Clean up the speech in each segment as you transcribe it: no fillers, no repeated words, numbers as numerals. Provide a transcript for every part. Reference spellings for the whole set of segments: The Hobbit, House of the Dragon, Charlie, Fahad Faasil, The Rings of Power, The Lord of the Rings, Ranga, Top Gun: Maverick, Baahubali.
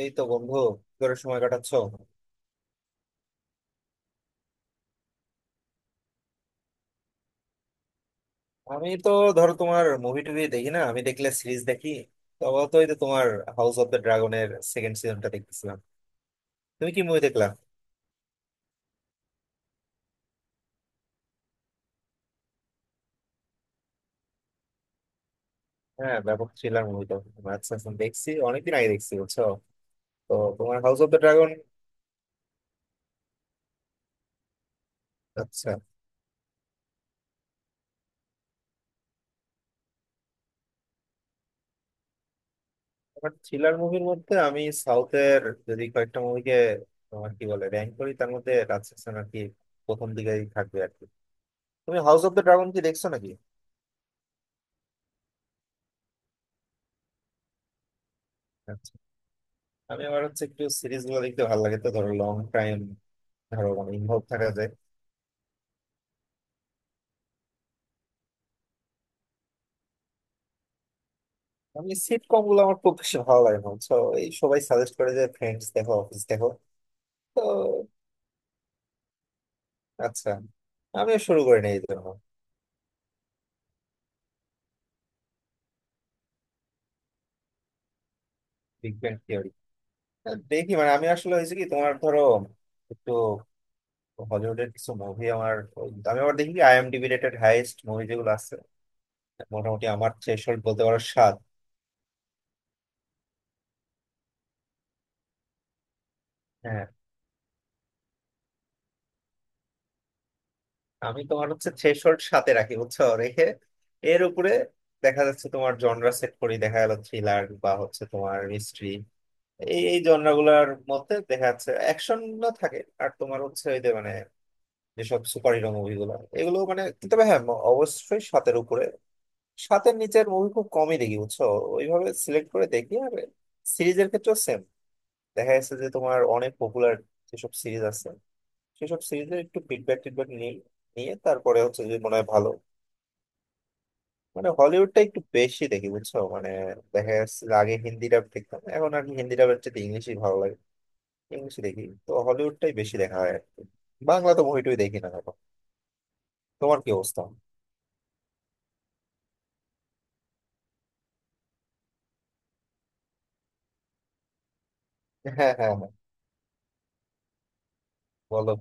এই তো বন্ধু কি করে সময় কাটাচ্ছো? আমি তো ধরো তোমার মুভি টুভি দেখি না, আমি দেখলে সিরিজ দেখি। তবে তো এই তো তোমার হাউস অফ দ্য ড্রাগনের সেকেন্ড সিজনটা দেখতেছিলাম। তুমি কি মুভি দেখলা? হ্যাঁ ব্যাপক থ্রিলার মুভি তো। আচ্ছা আচ্ছা, দেখছি অনেকদিন আগে দেখছি বুঝছো। তো তোমার হাউস অফ দ্য ড্রাগন। আচ্ছা, তোমার থ্রিলার মুভির মধ্যে আমি সাউথের যদি কয়েকটা মুভিকে তোমার কি বলে র্যাঙ্ক করি তার মধ্যে রাজশাসন আর কি প্রথম দিকেই থাকবে আর কি। তুমি হাউস অফ দ্য ড্রাগন কি দেখছো নাকি? আমি আমার হচ্ছে একটু সিরিজ গুলো দেখতে ভালো লাগে তো ধরো লং টাইম ধরো মানে ইনভলভ থাকা যায়। আমি সিটকম গুলো আমার খুব বেশি ভালো লাগে না তো, এই সবাই সাজেস্ট করে যে ফ্রেন্ডস দেখো অফিস দেখো তো। আচ্ছা, আমিও শুরু করে নিই এই জন্য। বিগ ব্যাং থিওরি দেখি মানে আমি আসলে হয়েছে কি তোমার ধরো একটু হলিউডের কিছু মুভি আমার আমি আবার দেখি আইএমডিবি রেটেড হাইয়েস্ট মুভি যেগুলো আছে। মোটামুটি আমার থ্রেশহোল্ড বলতে পারো 7। হ্যাঁ, আমি তোমার হচ্ছে থ্রেশহোল্ড সাথে রাখি বুঝছো রেখে এর উপরে। দেখা যাচ্ছে তোমার জনরা সেট করি দেখা গেল থ্রিলার বা হচ্ছে তোমার মিস্ট্রি, এই এই জনরাগুলার মধ্যে দেখা যাচ্ছে অ্যাকশন না থাকে আর তোমার হচ্ছে ওই যে মানে যেসব সুপার হিরো মুভিগুলো, এগুলো মানে কিন্তু তবে হ্যাঁ অবশ্যই সাতের উপরে। সাতের নিচের মুভি খুব কমই দেখি বুঝছো, ওইভাবে সিলেক্ট করে দেখি আর সিরিজের ক্ষেত্রেও সেম। দেখা যাচ্ছে যে তোমার অনেক পপুলার যেসব সিরিজ আছে সেসব সিরিজের একটু ফিডব্যাক টিডব্যাক নিই, নিয়ে তারপরে হচ্ছে যদি মনে হয় ভালো। মানে হলিউডটা একটু বেশি দেখি বুঝছো মানে দেখা যাচ্ছে যে আগে হিন্দি ডাব দেখতাম এখন আর কি হিন্দি ডাবের চেয়ে ইংলিশই ভালো লাগে, ইংলিশই দেখি তো হলিউডটাই বেশি দেখা হয় আর কি। বাংলা তো মুভিটুই দেখি না এখন। তোমার কি অবস্থা? হ্যাঁ হ্যাঁ হ্যাঁ। বলো।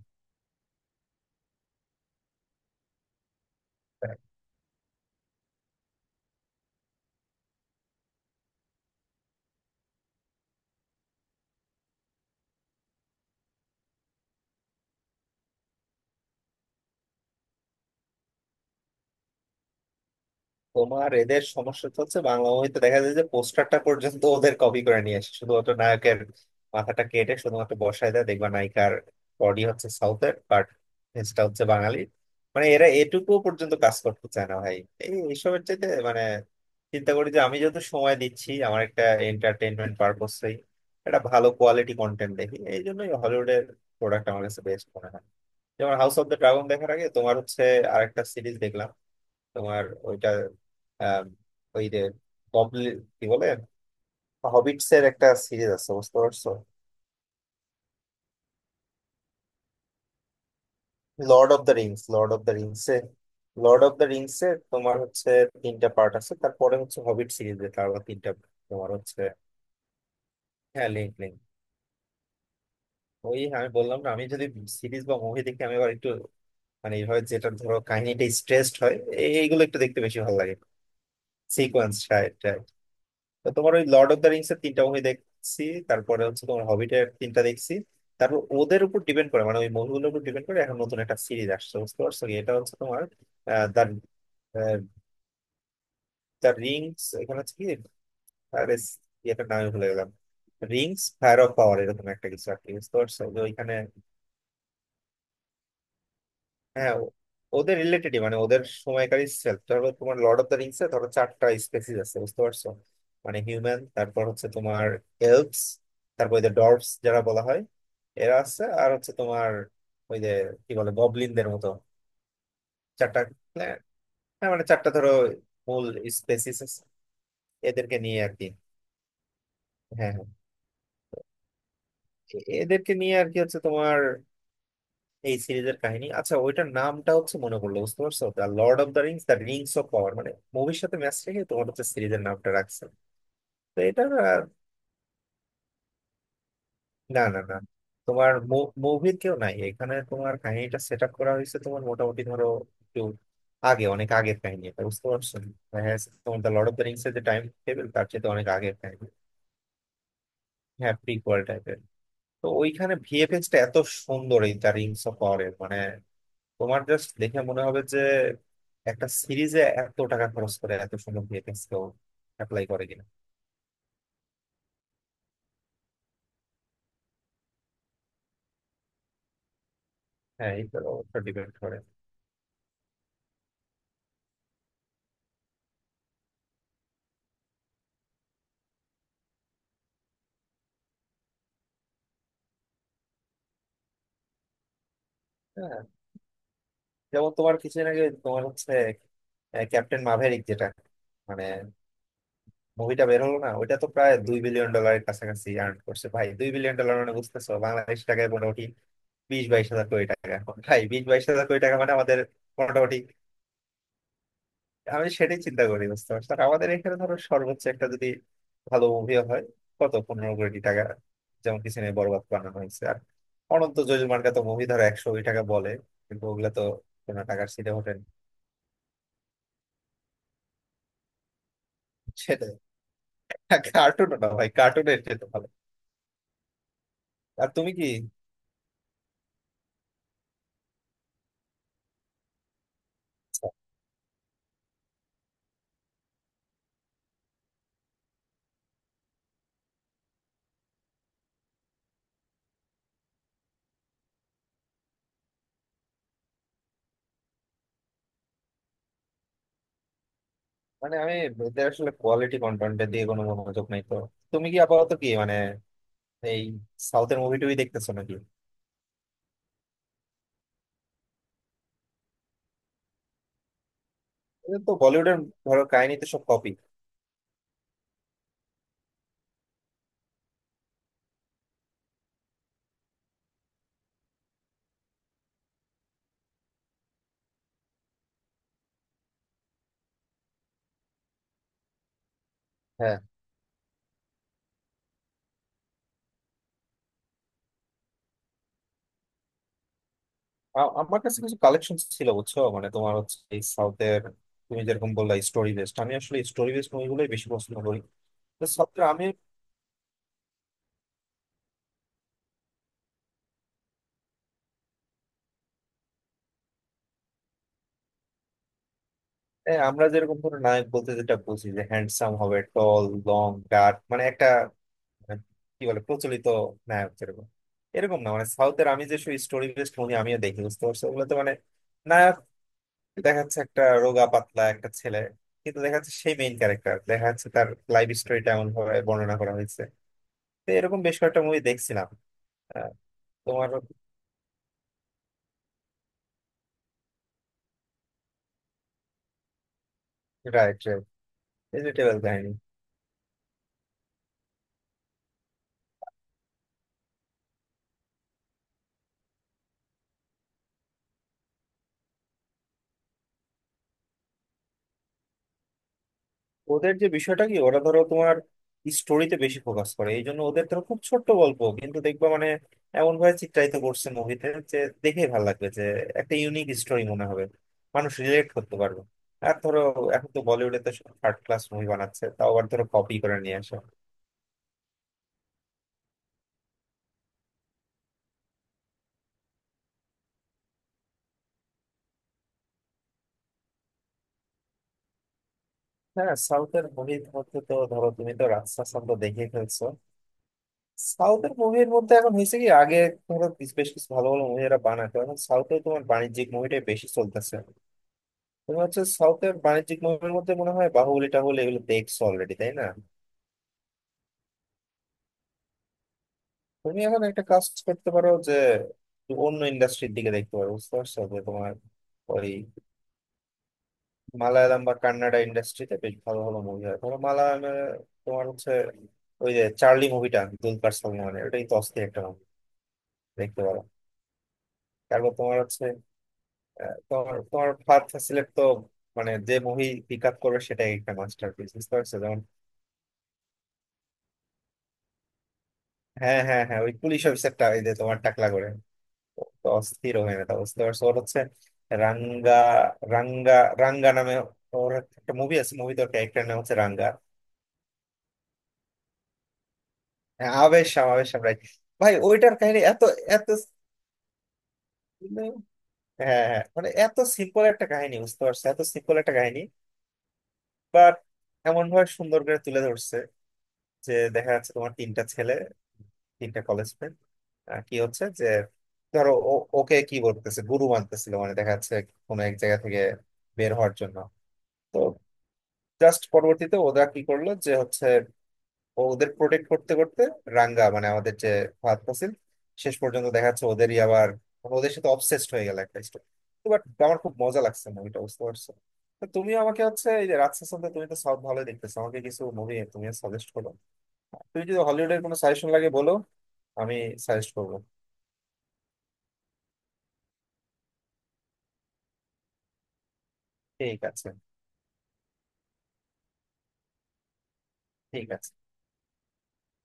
তোমার এদের সমস্যা তো হচ্ছে বাংলা মুভিতে দেখা যায় যে পোস্টারটা পর্যন্ত ওদের কপি করে নিয়ে আসে, শুধুমাত্র নায়কের মাথাটা কেটে শুধুমাত্র বসায় দেয় দেখবা নায়িকার বডি হচ্ছে সাউথের বাট ফেসটা হচ্ছে বাঙালি। মানে এরা এটুকু পর্যন্ত কাজ করতে চায় না ভাই। এই এইসবের চাইতে মানে চিন্তা করি যে আমি যত সময় দিচ্ছি আমার একটা এন্টারটেনমেন্ট পারপোসেই একটা ভালো কোয়ালিটি কন্টেন্ট দেখি, এই জন্যই হলিউডের প্রোডাক্ট আমার কাছে বেস্ট মনে হয়। যেমন হাউস অফ দ্য ড্রাগন দেখার আগে তোমার হচ্ছে আরেকটা সিরিজ দেখলাম তোমার ওইটা, আম, ওই যে গবলিন কি বলে হবিটস এর একটা সিরিজ আছে বুঝতে পারছো। Lord of the Rings, Lord of the Rings এ, লর্ড অফ দ্য রিংস এর তোমার হচ্ছে তিনটা পার্ট আছে, তারপরে হচ্ছে হবিট সিরিজ এ তার আবার তিনটা। তোমার হচ্ছে হ্যাঁ লিঙ্ক লিঙ্ক। ওই আমি বললাম না আমি যদি সিরিজ বা মুভি দেখি আমি আবার একটু মানে এইভাবে যেটা ধরো কাহিনীটা স্ট্রেসড হয় এইগুলো একটু দেখতে বেশি ভালো লাগে। সিকোয়েন্স। তো তোমার ওই লর্ড অফ দ্য রিংস এর তিনটা মুভি দেখছি, তারপরে হচ্ছে তোমার হবিটের তিনটা দেখছি। তারপর ওদের উপর ডিপেন্ড করে মানে ওই মুভিগুলোর উপর ডিপেন্ড করে এখন নতুন একটা সিরিজ আসছে বুঝতে পারছো কি, এটা হচ্ছে তোমার দ্য দ্য রিংস এখানে হচ্ছে কি, আরে ইয়েটার নামে ভুলে গেলাম, রিংস ফায়ার অফ পাওয়ার এরকম একটা কিছু আর কি বুঝতে পারছো যে ওইখানে। হ্যাঁ ওদের রিলেটেডই, মানে ওদের সময়কারী সেলফ ধরো তোমার লর্ড অফ দ্য রিংস এ ধরো চারটা স্পেসিস আছে বুঝতে পারছো, মানে হিউম্যান তারপর হচ্ছে তোমার এলভস, তারপর ওই যে ডর্ভস যারা বলা হয় এরা আছে, আর হচ্ছে তোমার ওই যে কি বলে গবলিনদের মতো। চারটা, হ্যাঁ হ্যাঁ, মানে চারটা ধরো মূল স্পেসিস আছে, এদেরকে নিয়ে আর কি। হ্যাঁ হ্যাঁ। এদেরকে নিয়ে আর কি হচ্ছে তোমার এই সিরিজের কাহিনী। আচ্ছা ওইটার নামটা হচ্ছে মনে পড়লো বুঝতে পারছো, The Lord of the Rings The Rings of Power, মানে মুভির সাথে ম্যাচ রেখে তোমার হচ্ছে সিরিজের নামটা রাখছে। তো এটা না না না, তোমার মুভির কেউ নাই এখানে, তোমার কাহিনীটা সেট আপ করা হয়েছে তোমার মোটামুটি ধরো একটু আগে, অনেক আগের কাহিনী এটা বুঝতে পারছো। দেখা যাচ্ছে তোমার The Lord of the Rings এর যে টাইম টেবিল তার চেয়ে অনেক আগের কাহিনী। হ্যাঁ প্রিকুয়াল টাইপের। তো ওইখানে ভিএফএক্স টা এত সুন্দর এই দ্য রিংস অফ পাওয়ারের, মানে তোমার জাস্ট দেখে মনে হবে যে একটা সিরিজে এত টাকা খরচ করে এত সুন্দর ভিএফএক্স কেউ অ্যাপ্লাই করে কিনা। হ্যাঁ এই তো অবশ্য ডিপেন্ড করে। হ্যাঁ, যেমন তোমার কিছুদিন আগে তোমার হচ্ছে ক্যাপ্টেন মাভেরিক যেটা মানে মুভিটা বের হলো না ওইটা তো প্রায় 2 বিলিয়ন ডলারের কাছাকাছি আর্ন করছে ভাই, 2 বিলিয়ন ডলার মানে বুঝতেছো বাংলাদেশ টাকায় মোটামুটি বিশ বাইশ হাজার কোটি টাকা। ভাই বিশ বাইশ হাজার কোটি টাকা মানে আমাদের মোটামুটি। আমি সেটাই চিন্তা করি বুঝতে পারছো, আর আমাদের এখানে ধরো সর্বোচ্চ একটা যদি ভালো মুভি হয় কত 15 কোটি টাকা, যেমন পিছনে বরবাদ বানানো হয়েছে আর অনন্ত যোজমার তো মুভি ধরো 100 কোটি টাকা বলে, কিন্তু ওগুলা তো কোনো টাকার সিটে ওঠে না। সেটাই কার্টুন না ভাই, কার্টুনের যেতে ভালো। আর তুমি কি মানে আমি এদের আসলে কোয়ালিটি কন্টেন্ট দিয়ে কোনো মনোযোগ নাই তো। তুমি কি আপাতত কি মানে এই সাউথের মুভি টুভি দেখতেছো নাকি? এদের তো বলিউডের ধরো কাহিনী তো সব কপি। আমার কাছে কিছু কালেকশন ছিল বুঝছো মানে তোমার হচ্ছে এই সাউথের। তুমি যেরকম বললা স্টোরি বেসড, আমি আসলে স্টোরি বেসড মুভিগুলোই বেশি পছন্দ করি। তো সাউথের আমি, আমরা যেরকম ধরো নায়ক বলতে যেটা বুঝি যে হ্যান্ডসাম হবে, টল, লং ডার্ক মানে একটা মানে, কি বলে প্রচলিত নায়ক যেরকম এরকম না, মানে সাউথের আমি যে স্টোরি বেসড মুভি আমিও দেখি বুঝতে পারছো। ওগুলোতে মানে নায়ক দেখা যাচ্ছে একটা রোগা পাতলা একটা ছেলে, কিন্তু দেখা যাচ্ছে সেই মেইন ক্যারেক্টার দেখা যাচ্ছে তার লাইফ স্টোরিটা এমন ভাবে বর্ণনা করা হয়েছে। তো এরকম বেশ কয়েকটা মুভি দেখছিলাম। আহ, তোমার। Right right. এডিটেবল কাহিনী। ওদের যে বিষয়টা কি, ওরা ধরো তোমার স্টোরিতে বেশি ফোকাস করে এই জন্য ওদের ধরো খুব ছোট্ট গল্প কিন্তু দেখবা মানে এমন ভাবে চিত্রায়িত করছে মুভিতে যে দেখেই ভালো লাগবে যে একটা ইউনিক স্টোরি মনে হবে, মানুষ রিলেট করতে পারবে। আর ধরো এখন তো বলিউডে তো সব থার্ড ক্লাস মুভি বানাচ্ছে, তাও আবার ধরো কপি করে নিয়ে আসে। হ্যাঁ সাউথের মুভির মধ্যে তো ধরো তুমি তো রাজশাসন তো দেখে ফেলছো। সাউথের মুভির মধ্যে এখন হয়েছে কি, আগে তোমরা বেশ বেশ কিছু ভালো ভালো মুভি এরা বানাতো, এখন সাউথে তোমার বাণিজ্যিক মুভিটাই বেশি চলতেছে। তুমি হচ্ছে সাউথের বাণিজ্যিক মুভির মধ্যে মনে হয় বাহুবলি টাহুলি এগুলো দেখছো অলরেডি তাই না? তুমি এখন একটা কাজ করতে পারো যে অন্য ইন্ডাস্ট্রির দিকে দেখতে পারো বুঝতে পারছো, যে তোমার ওই মালায়ালাম বা কান্নাডা ইন্ডাস্ট্রিতে বেশ ভালো ভালো মুভি হয়। ধরো মালায়ালামে তোমার হচ্ছে ওই যে চার্লি মুভিটা দুলকার সালমানের, ওটাই তো অস্থির একটা মুভি, দেখতে পারো। তারপর তোমার হচ্ছে তোমার তোমার ফার্থ সিলেক্ট তো মানে যে মুভি পিক আপ করবে সেটাই একটা মাস্টারপিস বুঝতে পারছো। যেমন হ্যাঁ হ্যাঁ হ্যাঁ, ওই পুলিশ অফিসারটা ওই যে তোমার টাকলা করে, ও তো অস্থির হয়ে না বুঝতে পারছো, ওর হচ্ছে রাঙ্গা, রাঙ্গা, রাঙ্গা নামে ওর একটা মুভি আছে, মুভি তো ক্যারেক্টার নাম হচ্ছে রাঙ্গা। হ্যাঁ, আবেশাম, আবেশাম রাইট। ভাই ওইটার কাহিনী এত এত, হ্যাঁ হ্যাঁ মানে এত সিম্পল একটা কাহিনী বুঝতে পারছো, এত সিম্পল একটা কাহিনী। বাট এমন ভাবে সুন্দর করে তুলে ধরছে যে দেখা যাচ্ছে তোমার তিনটা ছেলে তিনটা কলেজ ফ্রেন্ড কি হচ্ছে যে ধরো ওকে কি বলতেছে গুরু মানতেছিল, মানে দেখা যাচ্ছে কোনো এক জায়গা থেকে বের হওয়ার জন্য। তো জাস্ট পরবর্তীতে ওরা কি করলো যে হচ্ছে ও ওদের প্রোটেক্ট করতে করতে রাঙ্গা মানে আমাদের যে ফাহাদ ফাসিল শেষ পর্যন্ত দেখা যাচ্ছে ওদেরই আবার ওদের সাথে অবসেসড হয়ে গেল একটা স্টোরি। বাট আমার খুব মজা লাগছে মুভিটা বুঝতে পারছো। তো তুমি আমাকে হচ্ছে এই যে রাত সেশন তুমি তো সব ভালোই দেখতেছো, আমাকে কিছু মুভি তুমি সাজেস্ট করো। তুমি যদি হলিউডের কোনো সাজেশন লাগে বলো, আমি সাজেস্ট করবো। ঠিক আছে। ঠিক আছে।